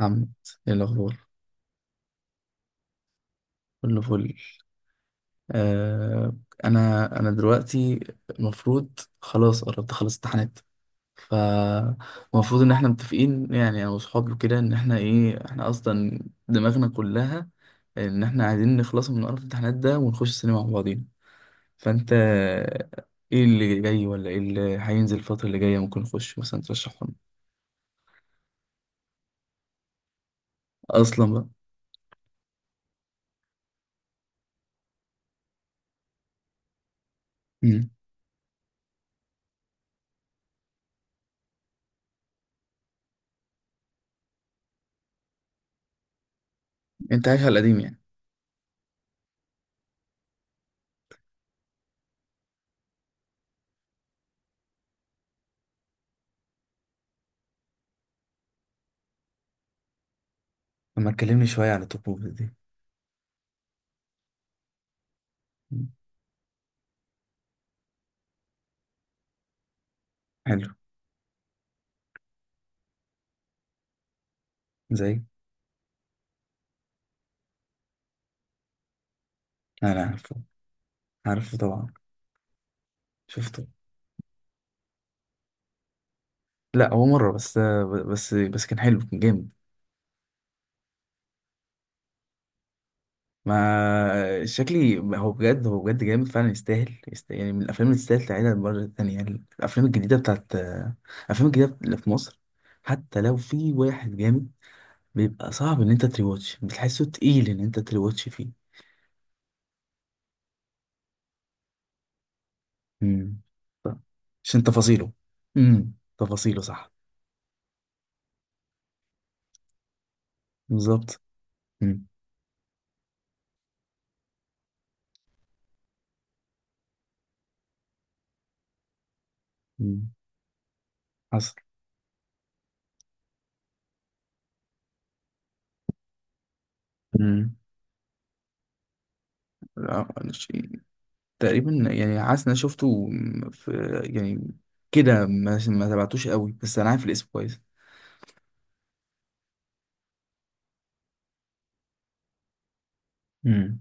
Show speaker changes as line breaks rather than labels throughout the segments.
محمد، ايه الاخبار؟ كله فل. آه. انا دلوقتي المفروض، خلاص قربت اخلص امتحانات، فالمفروض ان احنا متفقين، يعني انا واصحابي كده ان احنا ايه، احنا اصلا دماغنا كلها ان احنا عايزين نخلص من قرف الامتحانات ده ونخش السينما مع بعضينا. فانت ايه اللي جاي ولا ايه اللي هينزل الفترة اللي جاية؟ ممكن نخش مثلا، ترشحهم اصلا بقى. مم. انت عايش على القديم يعني؟ لما تكلمني شوية عن الطفولة دي. مم. حلو. زي انا عارفه. عارفه طبعا. شفته. لا، هو مره بس، بس كان حلو، كان جامد. ما شكلي، هو بجد، هو بجد جامد فعلا، يستاهل، يعني من الافلام اللي تستاهل تعيدها مرة تانية يعني. الافلام الجديده بتاعت، الافلام الجديده اللي في مصر حتى لو في واحد جامد، بيبقى صعب ان انت تريواتش، بتحسه تقيل ان انت تريواتش فيه. امم. عشان تفاصيله. امم، تفاصيله صح. بالظبط. امم. أمم. حصل. امم، تقريبا يعني، حاسس ان انا شفته. في يعني كده، ما تبعتوش قوي، بس انا عارف الاسم كويس. امم.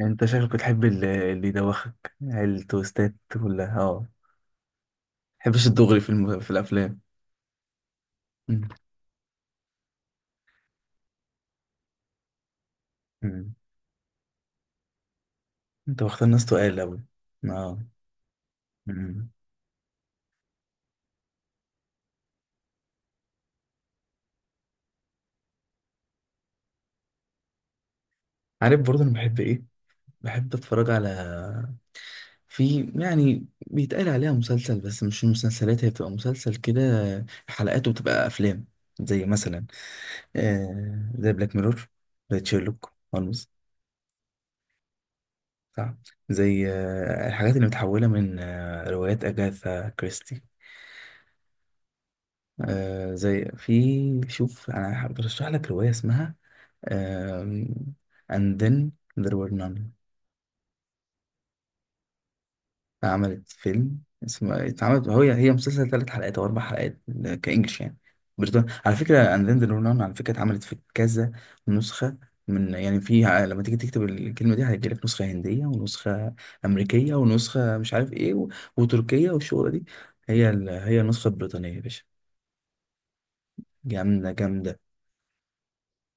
انت شكلك بتحب اللي يدوخك التوستات، ولا اه، ما بتحبش الدغري في في الافلام؟ مم. امم. انت واخد ناس تقال قوي. اه. امم. عارف برضه انا بحب ايه؟ بحب اتفرج على، في يعني بيتقال عليها مسلسل بس مش مسلسلات، هي بتبقى مسلسل كده حلقاته بتبقى افلام. زي مثلا، آه زي بلاك ميرور، زي تشيرلوك هولمز. صح. زي آه الحاجات اللي متحولة من آه روايات أجاثا كريستي. آه، زي في، شوف أنا برشح لك رواية اسمها، آم، And then there were none. اتعملت فيلم اسمه، اتعملت هو، هي مسلسل ثلاث حلقات او اربع حلقات، كانجلش يعني، بريطاني على فكره، اند ذن رونان على فكره. اتعملت في كذا نسخه، من يعني في لما تيجي تكتب الكلمه دي هيجيلك نسخه هنديه، ونسخه امريكيه، ونسخه مش عارف ايه و... وتركيه، والشغله دي هي النسخه البريطانيه يا باشا. جامده، جامده.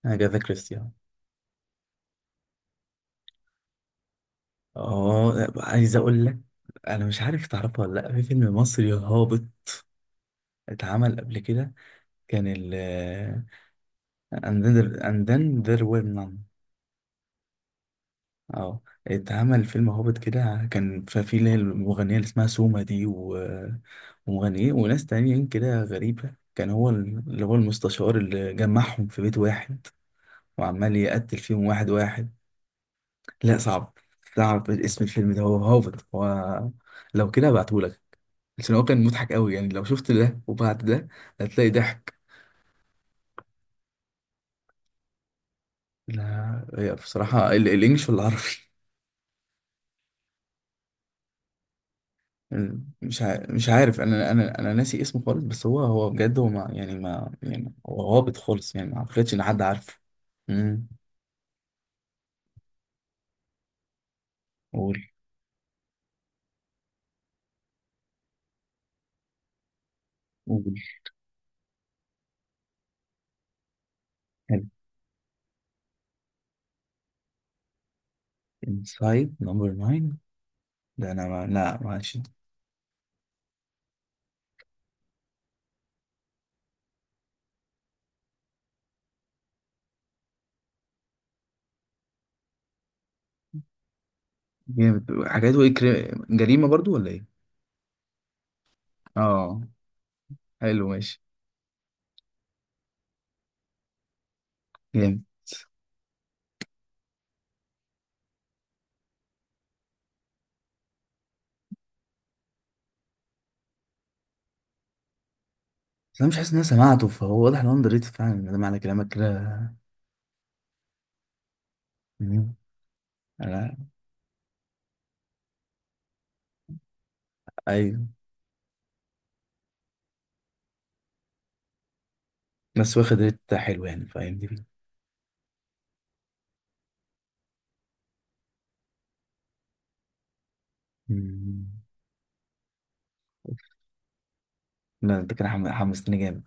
اجاثا كريستي. اه، عايز اقول لك، انا مش عارف تعرفها ولا لا، في فيلم مصري هابط اتعمل قبل كده، كان، and then there, and then there were none. اه، اتعمل فيلم هوبت كده، كان فيه اللي هي المغنية اللي اسمها سوما دي و... ومغنيين وناس تانيين كده غريبة، كان هو اللي هو المستشار اللي جمعهم في بيت واحد وعمال يقتل فيهم واحد واحد. لا صعب، صعب اسم الفيلم ده، هو هوبت، هو لو كده هبعتهولك. بس هو كان مضحك قوي يعني، لو شفت ده وبعد ده هتلاقي ضحك. لا هي بصراحة الانجليش، ولا مش مش عارف، انا ناسي اسمه خالص، بس هو، هو بجد، هو ما يعني، ما يعني هو هابط خالص يعني، ما اعتقدش ان حد عارفه. امم. قول. قول. حلو. انسايد نمبر 9. ده انا ما لا ماشي. جامد. حكايته ايه، جريمه برضو ولا ايه؟ اه. حلو، ماشي. جامد. بس انا مش حاسس ان انا سمعته، فهو واضح انه اندر ريتد فعلا، ده معنى كلامك كده. مم. انا، ايوه. بس واخد ريت حلو يعني، فاهمني؟ لا انت كده، حمستني جامد.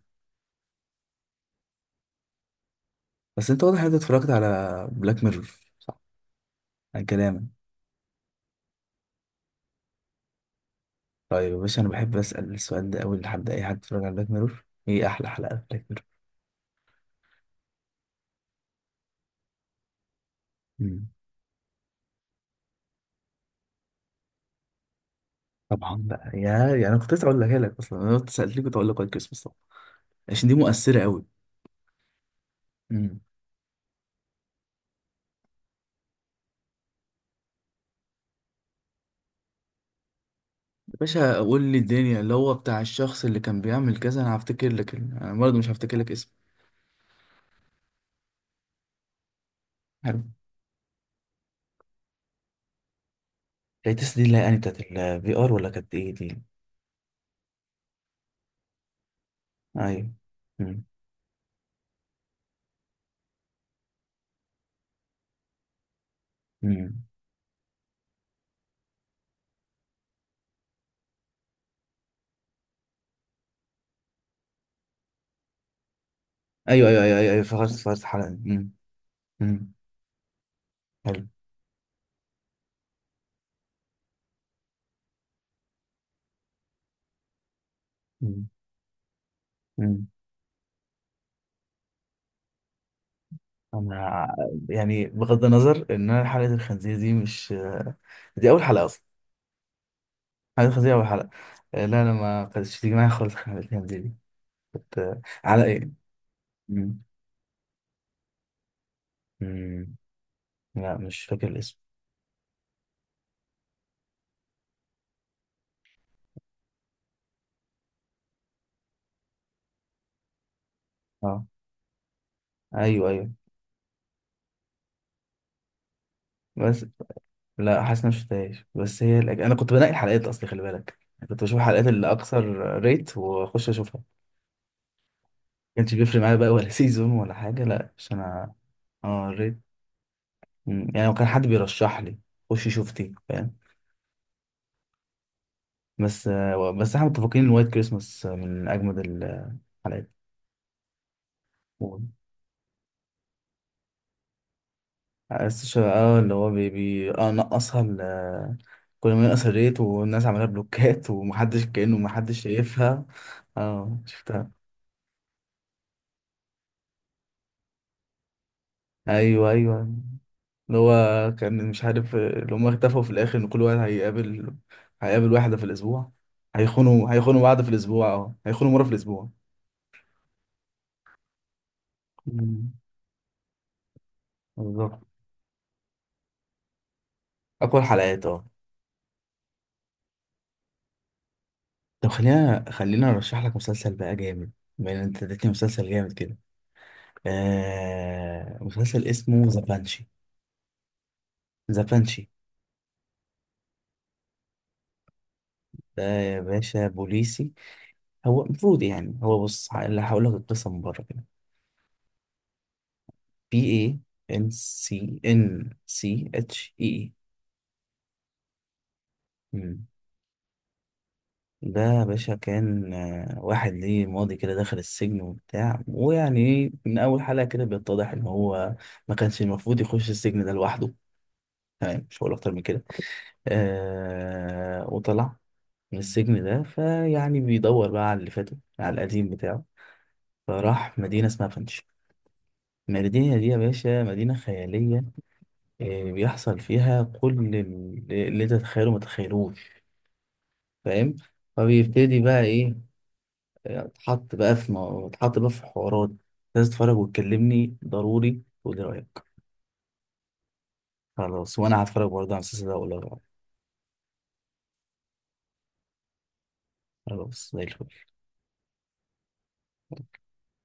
بس انت واضح ان انت اتفرجت على بلاك ميرور. عن كلامك. طيب يا باشا، انا بحب اسال السؤال ده اول لحد اي حد اتفرج على بلاك ميرور، ايه احلى حلقه في بلاك ميرور؟ مم. طبعا بقى يا، يعني انا كنت لسه هقولها لك اصلا، انا كنت سالت لك، كنت هقول لك وايت كريسمس طبعا. عشان دي مؤثره قوي. مم. يا باشا قول لي الدنيا، اللي هو بتاع الشخص اللي كان بيعمل كذا، انا هفتكر لك انا برضه مش هفتكر لك اسمه. حلو. التيست دي اللي هي يعني بتاعت الفي ار، ولا كانت ايه دي؟ ايوه. مم. مم. ايوه، ايوه، ايوه، ايوه، ايوه، فخرت، فخرت الحلقه دي. مم. مم. حلو. مم. انا، يعني بغض النظر ان انا حلقه الخنزير دي مش، دي اول حلقه اصلا. حلقه الخنزير اول حلقه. آه، لا انا ما كانتش تيجي معايا خالص حلقه الخنزير دي، كنت آه، على ايه. مم. مم. لا مش فاكر الاسم. اه. ايوه، ايوه. بس، لا حاسس إن أنا مش شفتهاش، بس هي انا كنت بنقي الحلقات اصلي، خلي بالك، يعني كنت بشوف الحلقات اللي اكثر ريت واخش اشوفها. ما كانش بيفرق معايا بقى ولا سيزون ولا حاجه، لا عشان انا، اه، ريت. مم. يعني لو كان حد بيرشح لي، خشي شوفتي، فاهم؟ بس آه، بس احنا متفقين ان وايت كريسماس من اجمد الحلقات. بس اه، اللي هو بي اه، نقصها كل ما ينقص الريت، والناس عملها بلوكات ومحدش، كأنه محدش شايفها. اه، شفتها. ايوه، ايوه، اللي هو كان مش عارف، اللي هم اختفوا في الاخر ان كل واحد هيقابل، هيقابل واحدة في الاسبوع، هيخونوا، هيخونوا بعض في الاسبوع، اه هيخونوا مرة في الاسبوع. مم. بالظبط. اقوى الحلقات، اه. طب خلينا، خلينا ارشح لك مسلسل بقى جامد بما ان انت اديتني مسلسل جامد كده. آه، مسلسل اسمه ذا بانشي. ذا بانشي. ده يا باشا بوليسي. هو المفروض يعني، هو بص اللي هقول لك القصه من بره كده. بي اي ان سي ان سي اتش اي اي. مم. ده يا باشا كان آه، واحد ليه ماضي كده، دخل السجن وبتاع، ويعني ايه، من اول حلقه كده بيتضح ان هو ما كانش المفروض يخش السجن ده لوحده، تمام؟ مش هقول اكتر من كده. آه، وطلع من السجن ده، فيعني بيدور بقى على اللي فاته، على القديم بتاعه. فراح مدينة اسمها فنش. المدينة دي يا باشا مدينة خيالية، آه بيحصل فيها كل اللي انت تتخيله ما تتخيلوش، فاهم؟ فبيبتدي بقى ايه، آه، اتحط بقى في اتحط بقى في حوارات. لازم تتفرج وتكلمني ضروري، تقولي رأيك. خلاص، وانا هتفرج برضه على المسلسل ده واقول لك رأيي. خلاص، زي الفل.